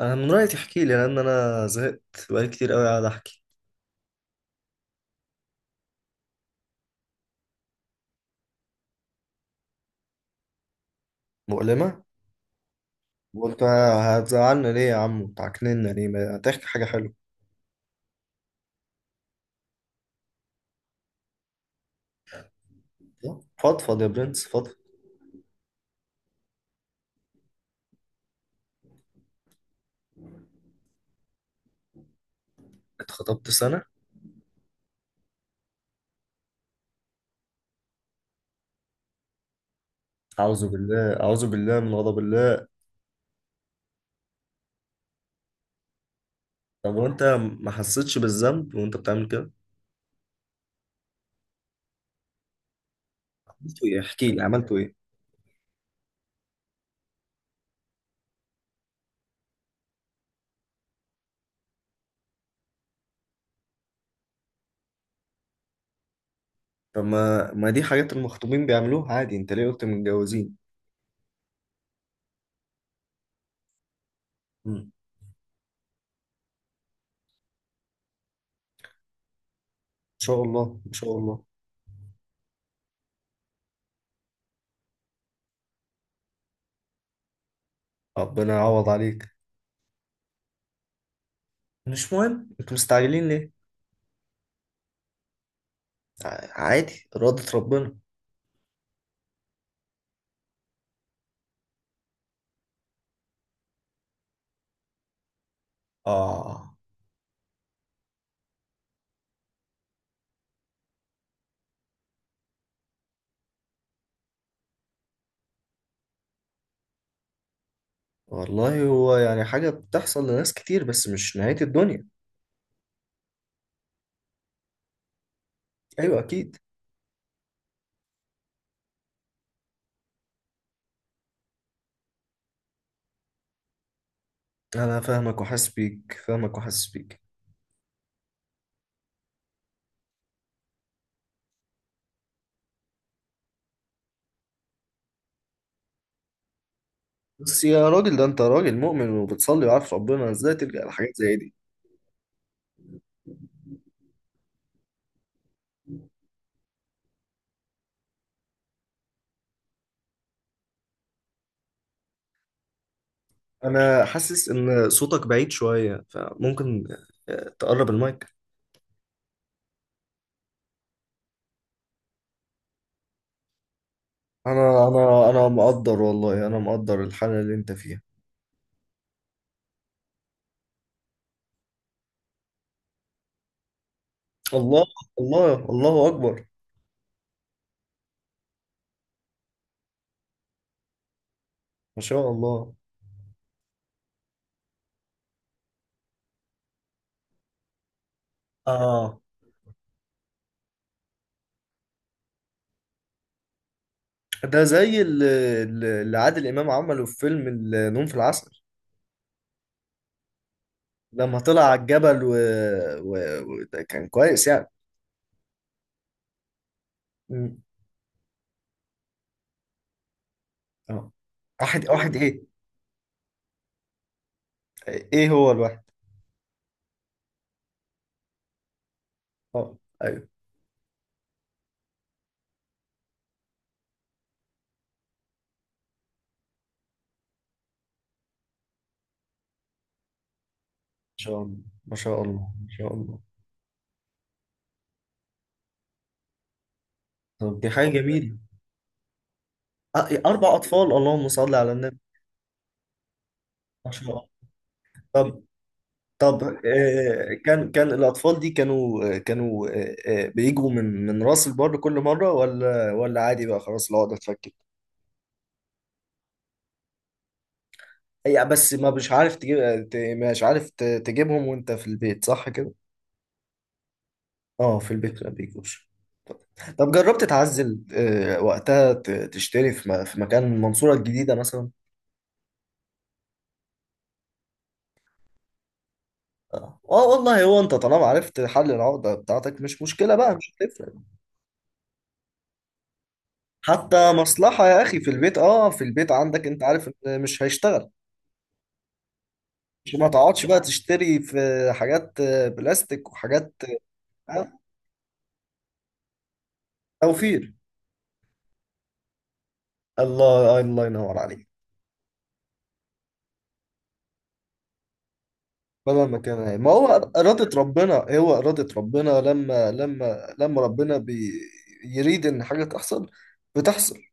انا من رايي تحكي لي، لان انا زهقت. بقالي كتير قوي قاعد احكي. مؤلمة؟ وقلت هتزعلنا ليه يا عم وتعكننا ليه، ما تحكي حاجه حلوه. لا. فضفض يا برنس، فضفض. اتخطبت سنه؟ اعوذ بالله، اعوذ بالله من غضب الله. طب وانت ما حسيتش بالذنب وانت بتعمل كده؟ عملت ايه؟ احكي لي، عملت ايه؟ طب ما دي حاجات المخطوبين بيعملوها عادي، انت ليه قلت متجوزين؟ مم. ان شاء الله، ان شاء الله. ربنا يعوض عليك. مش مهم، انتوا مستعجلين ليه؟ عادي، إرادة ربنا. آه، والله هو يعني حاجة بتحصل لناس كتير، بس مش نهاية الدنيا. أيوة، أكيد. أنا فاهمك وحاسس بيك، فاهمك وحاسس بيك. بس يا راجل، ده أنت راجل مؤمن وبتصلي وعارف ربنا، إزاي تلجأ لحاجات زي دي؟ أنا حاسس إن صوتك بعيد شوية، فممكن تقرب المايك. أنا مقدر والله، أنا مقدر الحالة اللي أنت فيها. الله. الله الله أكبر. ما شاء الله. آه، ده زي اللي عادل إمام عمله في فيلم النوم في العسل. لما طلع على الجبل و... ده كان كويس يعني. مم. اه. واحد واحد ايه؟ ايه هو الواحد؟ اه، ايوه. ما شاء الله، ما شاء الله، ما شاء الله. طب دي حاجة جميلة. اربع اطفال، اللهم صل على النبي. ما شاء الله. طب. كان الاطفال دي كانوا بيجوا من راس البر كل مرة ولا عادي بقى؟ خلاص العقدة اتفكت. هي بس، ما مش عارف تجيب مش عارف تجيبهم وانت في البيت، صح كده؟ اه، في البيت ما بيجوش. طب جربت تعزل وقتها تشتري في في مكان المنصورة الجديدة مثلا؟ اه، والله، هو انت طالما عرفت حل العقدة بتاعتك مش مشكلة بقى، مش هتفرق. حتى مصلحة يا اخي في البيت، اه، في البيت عندك انت عارف إن مش هيشتغل. مش، ما تقعدش بقى تشتري في حاجات بلاستيك وحاجات. آه، توفير. الله، الله ينور عليك. بدل ما كان ما هو. إرادة ربنا، هو إرادة ربنا، لما ربنا بيريد إن حاجة تحصل بتحصل.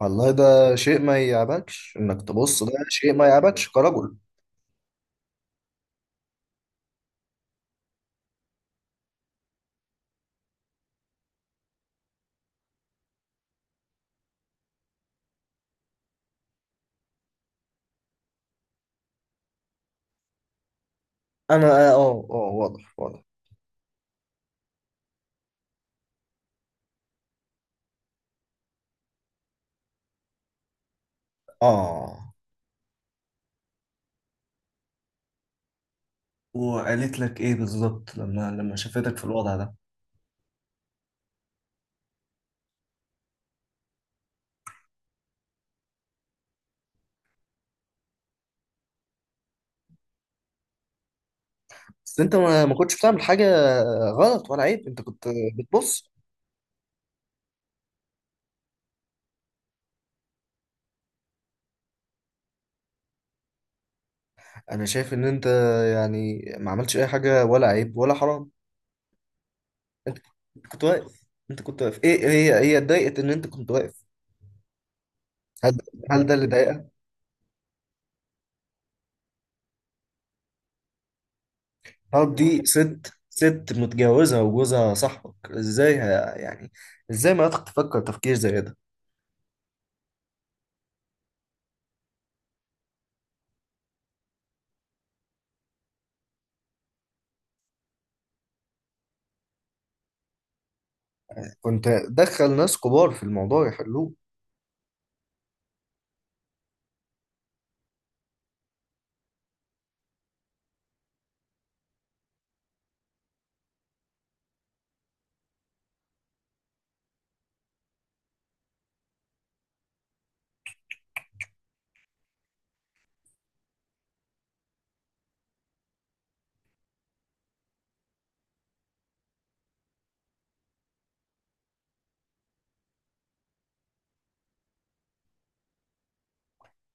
والله، ده شيء ما يعبكش انك تبص، ده شيء ما يعبكش كرجل. انا، اه، اه، واضح، واضح. اه. وقالت لك ايه بالظبط لما شافتك في الوضع ده؟ بس انت ما كنتش بتعمل حاجة غلط ولا عيب، انت كنت بتبص. انا شايف ان انت يعني ما عملتش اي حاجة، ولا عيب ولا حرام. انت كنت واقف. انت كنت واقف، ايه؟ هي اتضايقت ان انت كنت واقف؟ هل هل ده اللي ضايقك؟ طب دي ست، ست متجوزة وجوزها صاحبك، ازاي يعني ازاي ما تفكر تفكير زي ده؟ كنت دخل ناس كبار في الموضوع يحلوه.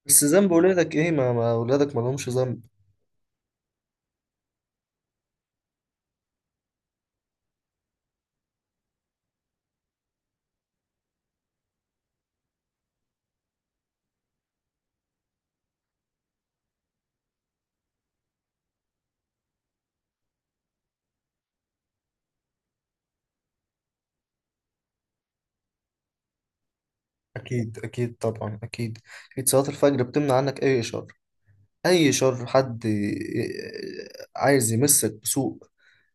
بس ذنب ولادك ايه؟ ما ولادك ما لهمش ذنب. اكيد، اكيد طبعا، اكيد. اكيد صلاة الفجر بتمنع عنك اي شر، اي شر حد عايز يمسك بسوء،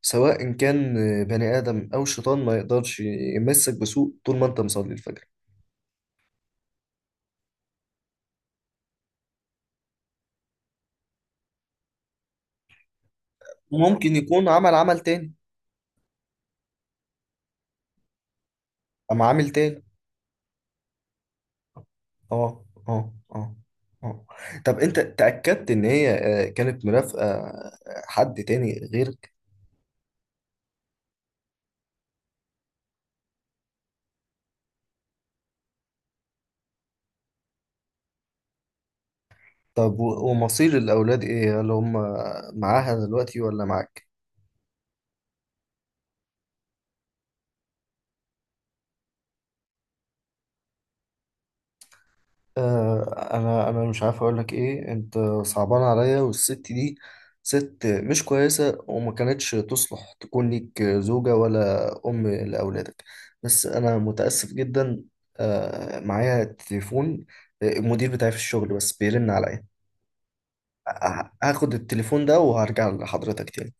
سواء كان بني آدم او شيطان، ما يقدرش يمسك بسوء طول ما انت مصلي الفجر. ممكن يكون عمل عمل تاني. أم عامل تاني. اه، اه، اه. اه. طب انت تأكدت ان هي كانت مرافقة حد تاني غيرك؟ طب ومصير الاولاد ايه؟ هل هم معاها دلوقتي ولا معاك؟ انا مش عارف اقول لك ايه. انت صعبان عليا، والست دي ست مش كويسة، وما كانتش تصلح تكون ليك زوجة ولا ام لاولادك. بس انا متأسف جدا. معايا تليفون، المدير بتاعي في الشغل بس بيرن عليا. هاخد التليفون ده وهرجع لحضرتك تاني.